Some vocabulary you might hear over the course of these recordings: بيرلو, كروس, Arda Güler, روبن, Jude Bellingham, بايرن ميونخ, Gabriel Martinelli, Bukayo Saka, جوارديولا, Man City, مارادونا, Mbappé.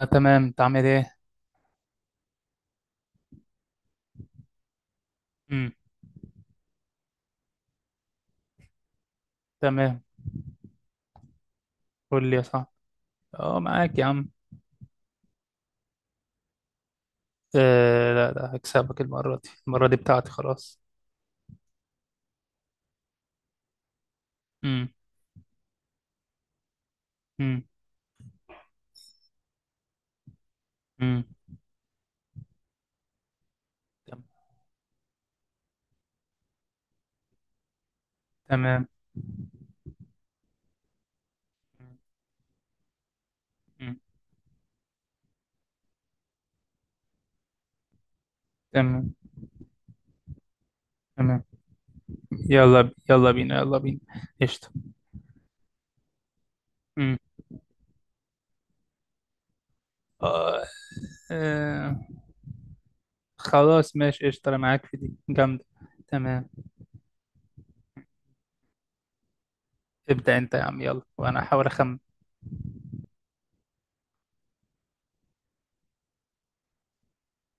آه، تمام، انت عامل ايه؟ امم تمام. قول لي يا صاحبي. اه، معاك يا عم. آه، لا لا هكسبك، المرة دي المرة دي بتاعتي خلاص. امم امم امم تم- تمام. امم تمام تمام. يلا بينا يلا بينا. قشطة. امم آه. آه، خلاص ماشي قشطة، انا معاك في دي جامدة. تمام. ابدأ انت يا عم، يلا وانا احاول اخمن.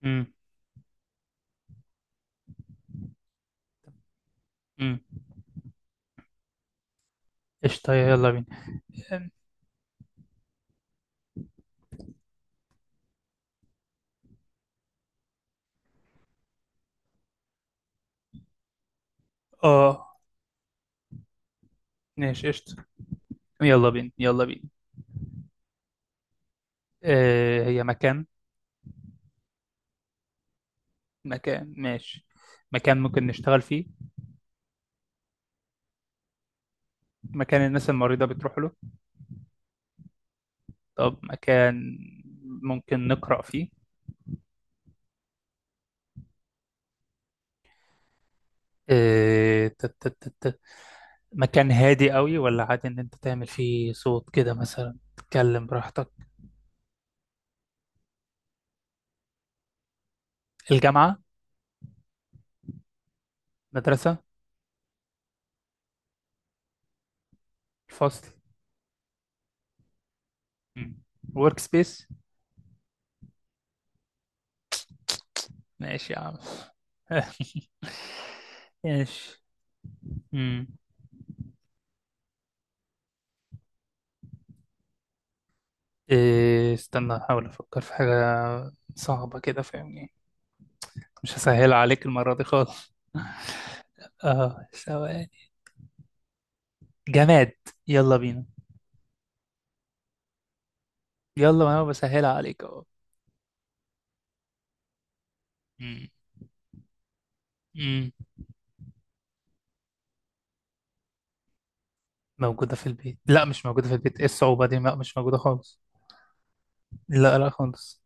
امم امم قشطة، يلا بينا. اه، ماشي قشطة، يلا بينا يلا بينا. آه، هي مكان. مكان ماشي. مكان ممكن نشتغل فيه؟ مكان الناس المريضة بتروح له؟ طب مكان ممكن نقرأ فيه؟ إيه... ت- ت- ت- ت- مكان هادي قوي ولا عادي ان انت تعمل فيه صوت كده مثلا تتكلم براحتك؟ الجامعة. مدرسة. الفصل. ورك سبيس. ماشي يا عم. ماشي. مم. استنى، احاول افكر في حاجة صعبة كده فاهمني. مش هسهلها عليك المرة دي خالص. اه، ثواني. جماد. يلا بينا. يلا وانا بسهلها عليك اهو. مم. مم. موجودة في البيت؟ لا مش موجودة في البيت، ايه الصعوبة دي؟ لا مش موجودة خالص. لا لا خالص.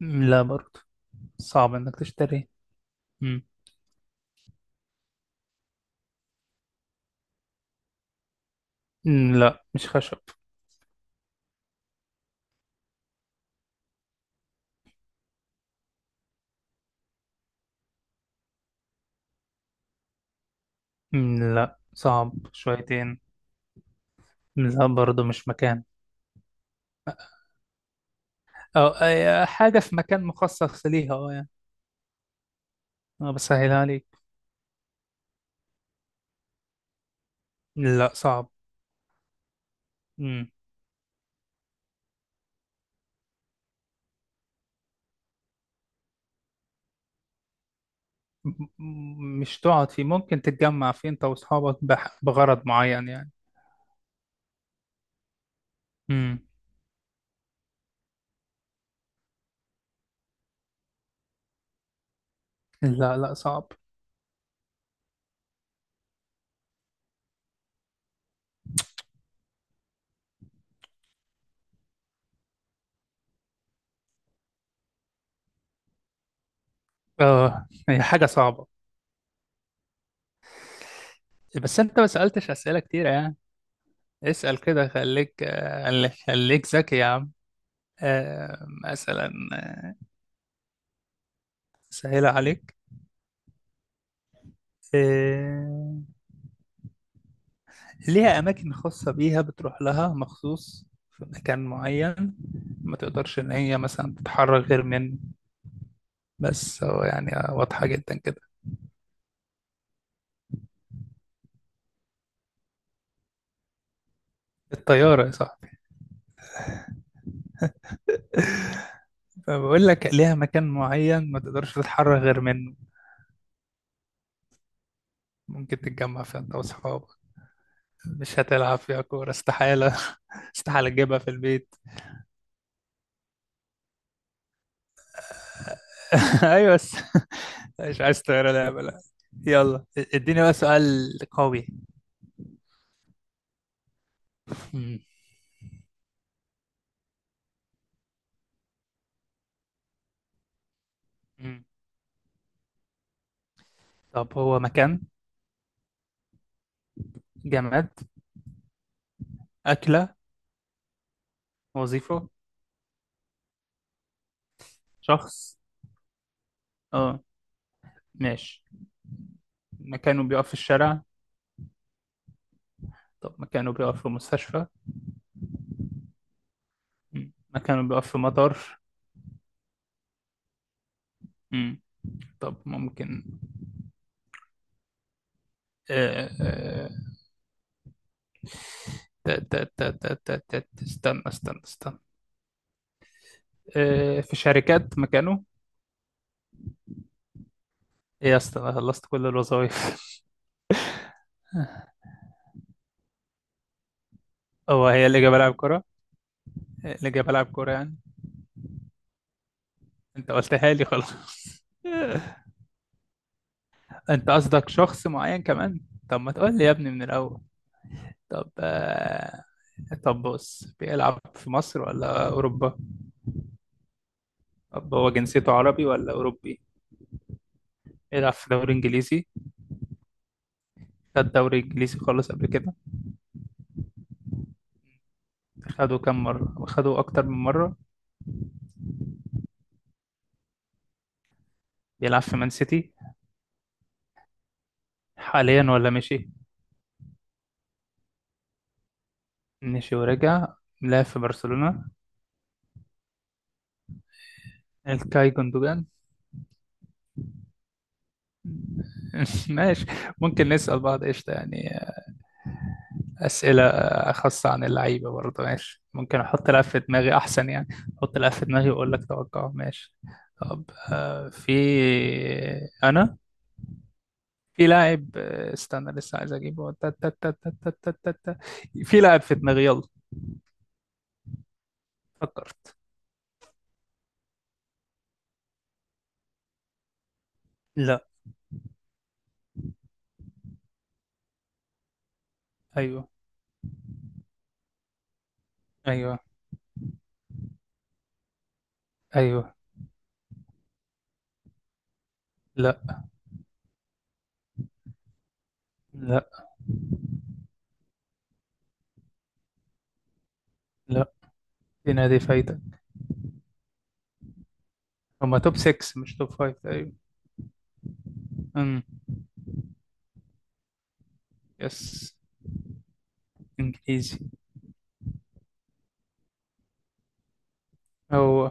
مم، لا برضه. صعب انك تشتري. مم. مم، لا مش خشب. مم، لا صعب شويتين. مم، لا برضه مش مكان. أو أي حاجة في مكان مخصص ليها، اه يعني. أنا بسهلها عليك. لا صعب. مم. مش تقعد فيه، ممكن تتجمع فيه أنت وأصحابك بغرض معين يعني. امم لا لا صعب. اه، هي حاجة صعبة. بس انت ما سألتش أسئلة كتير يعني. اسأل كده، خليك، خليك خليك ذكي يا عم. مثلا سهلة عليك. آه، ليها أماكن خاصة بيها، بتروح لها مخصوص، في مكان معين. ما تقدرش إن هي مثلا تتحرك غير منه. بس هو يعني واضحة جدا كده. الطيارة يا صاحبي. فبقول لك ليها مكان معين ما تقدرش تتحرك غير منه. ممكن تتجمع فيها انت واصحابك. مش هتلعب فيها كورة استحالة. استحالة تجيبها في البيت. ايوه، بس مش عايز تغير لعبة، لا. يلا اديني بقى سؤال. قوي. مم. مم. طب هو مكان؟ جماد؟ أكلة؟ وظيفة؟ شخص؟ اه، ماشي. مكانه بيقف في الشارع؟ طب مكانه بيقف في مستشفى؟ مم. مكانه بيقف في مطار؟ مم. طب ممكن. آه، آه، استنى استنى استنى. في شركات مكانه؟ ايه يا اسطى، انا خلصت كل الوظائف. هو هي اللي جاب بلعب كرة؟ اللي جاب بلعب كرة يعني؟ انت قلتها لي خلاص. انت قصدك شخص معين كمان؟ طب ما تقول لي يا ابني من الاول. طب طب بص، بيلعب في مصر ولا اوروبا؟ طب هو جنسيته عربي ولا اوروبي؟ بيلعب في دوري انجليزي؟ خد دوري انجليزي خالص قبل كده؟ خده كام مرة؟ خده اكتر من مرة؟ بيلعب في مان سيتي حاليا ولا مشي؟ مشي ورجع. لعب في برشلونة. الكاي جوندوجان. ماشي. ممكن نسأل بعض قشطة يعني أسئلة خاصة عن اللعيبة برضه؟ ماشي، ممكن أحط لعب في دماغي أحسن يعني. أحط لعب في دماغي وأقول لك توقعه، ماشي. طب أنا في لاعب، استنى لسه عايز أجيبه. تا- تا- تا- تا- تا- تا- تا- تا. في لاعب في دماغي، يلا. فكرت. لا. أيوه، أيوه، أيوه. لا، لا، لا، دي نادي فايتة. هما توب 6 مش توب 5 تقريبا. امم يس. انجليزي. هو.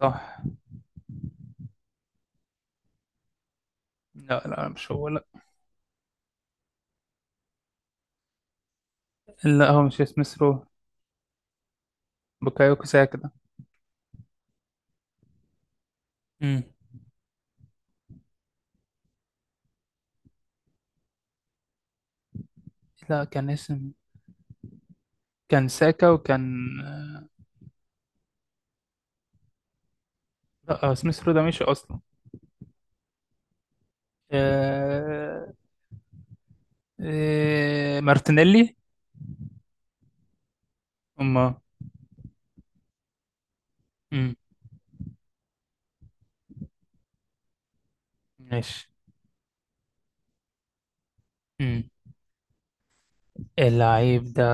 صح. لا لا مش هو، لا. لا، هو مش اسم سرو. بوكايوكو ساكا ده. امم لا كان اسم. كان ساكا وكان. لا هو اسم سرو ده مش اصلا. آه... مارتينيلي. اما. امم ماشي. امم اللعيب ده.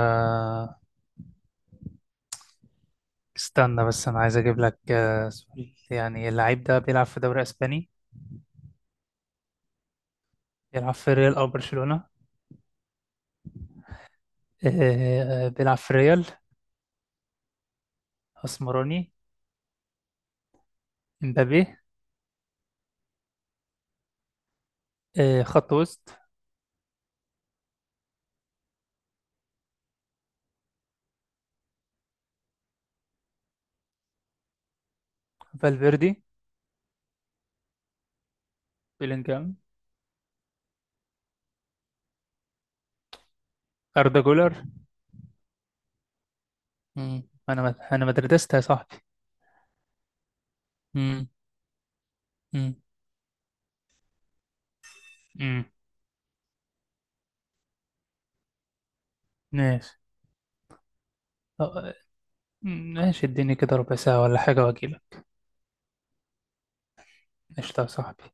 استنى بس انا عايز اجيب لك سؤال يعني. اللعيب ده بيلعب في دوري اسباني؟ بيلعب في ريال او برشلونة؟ آه، بيلعب في ريال. اسمراني. امبابي. آه، خط وسط. فالفيردي. بيلينجهام. اردا جولر. مم. انا مدردست يا صاحبي. مم. مم. مم. ماشي. أه. مم، ماشي، اديني كده ربع ساعة ولا حاجة واجيلك. قشطة يا صاحبي.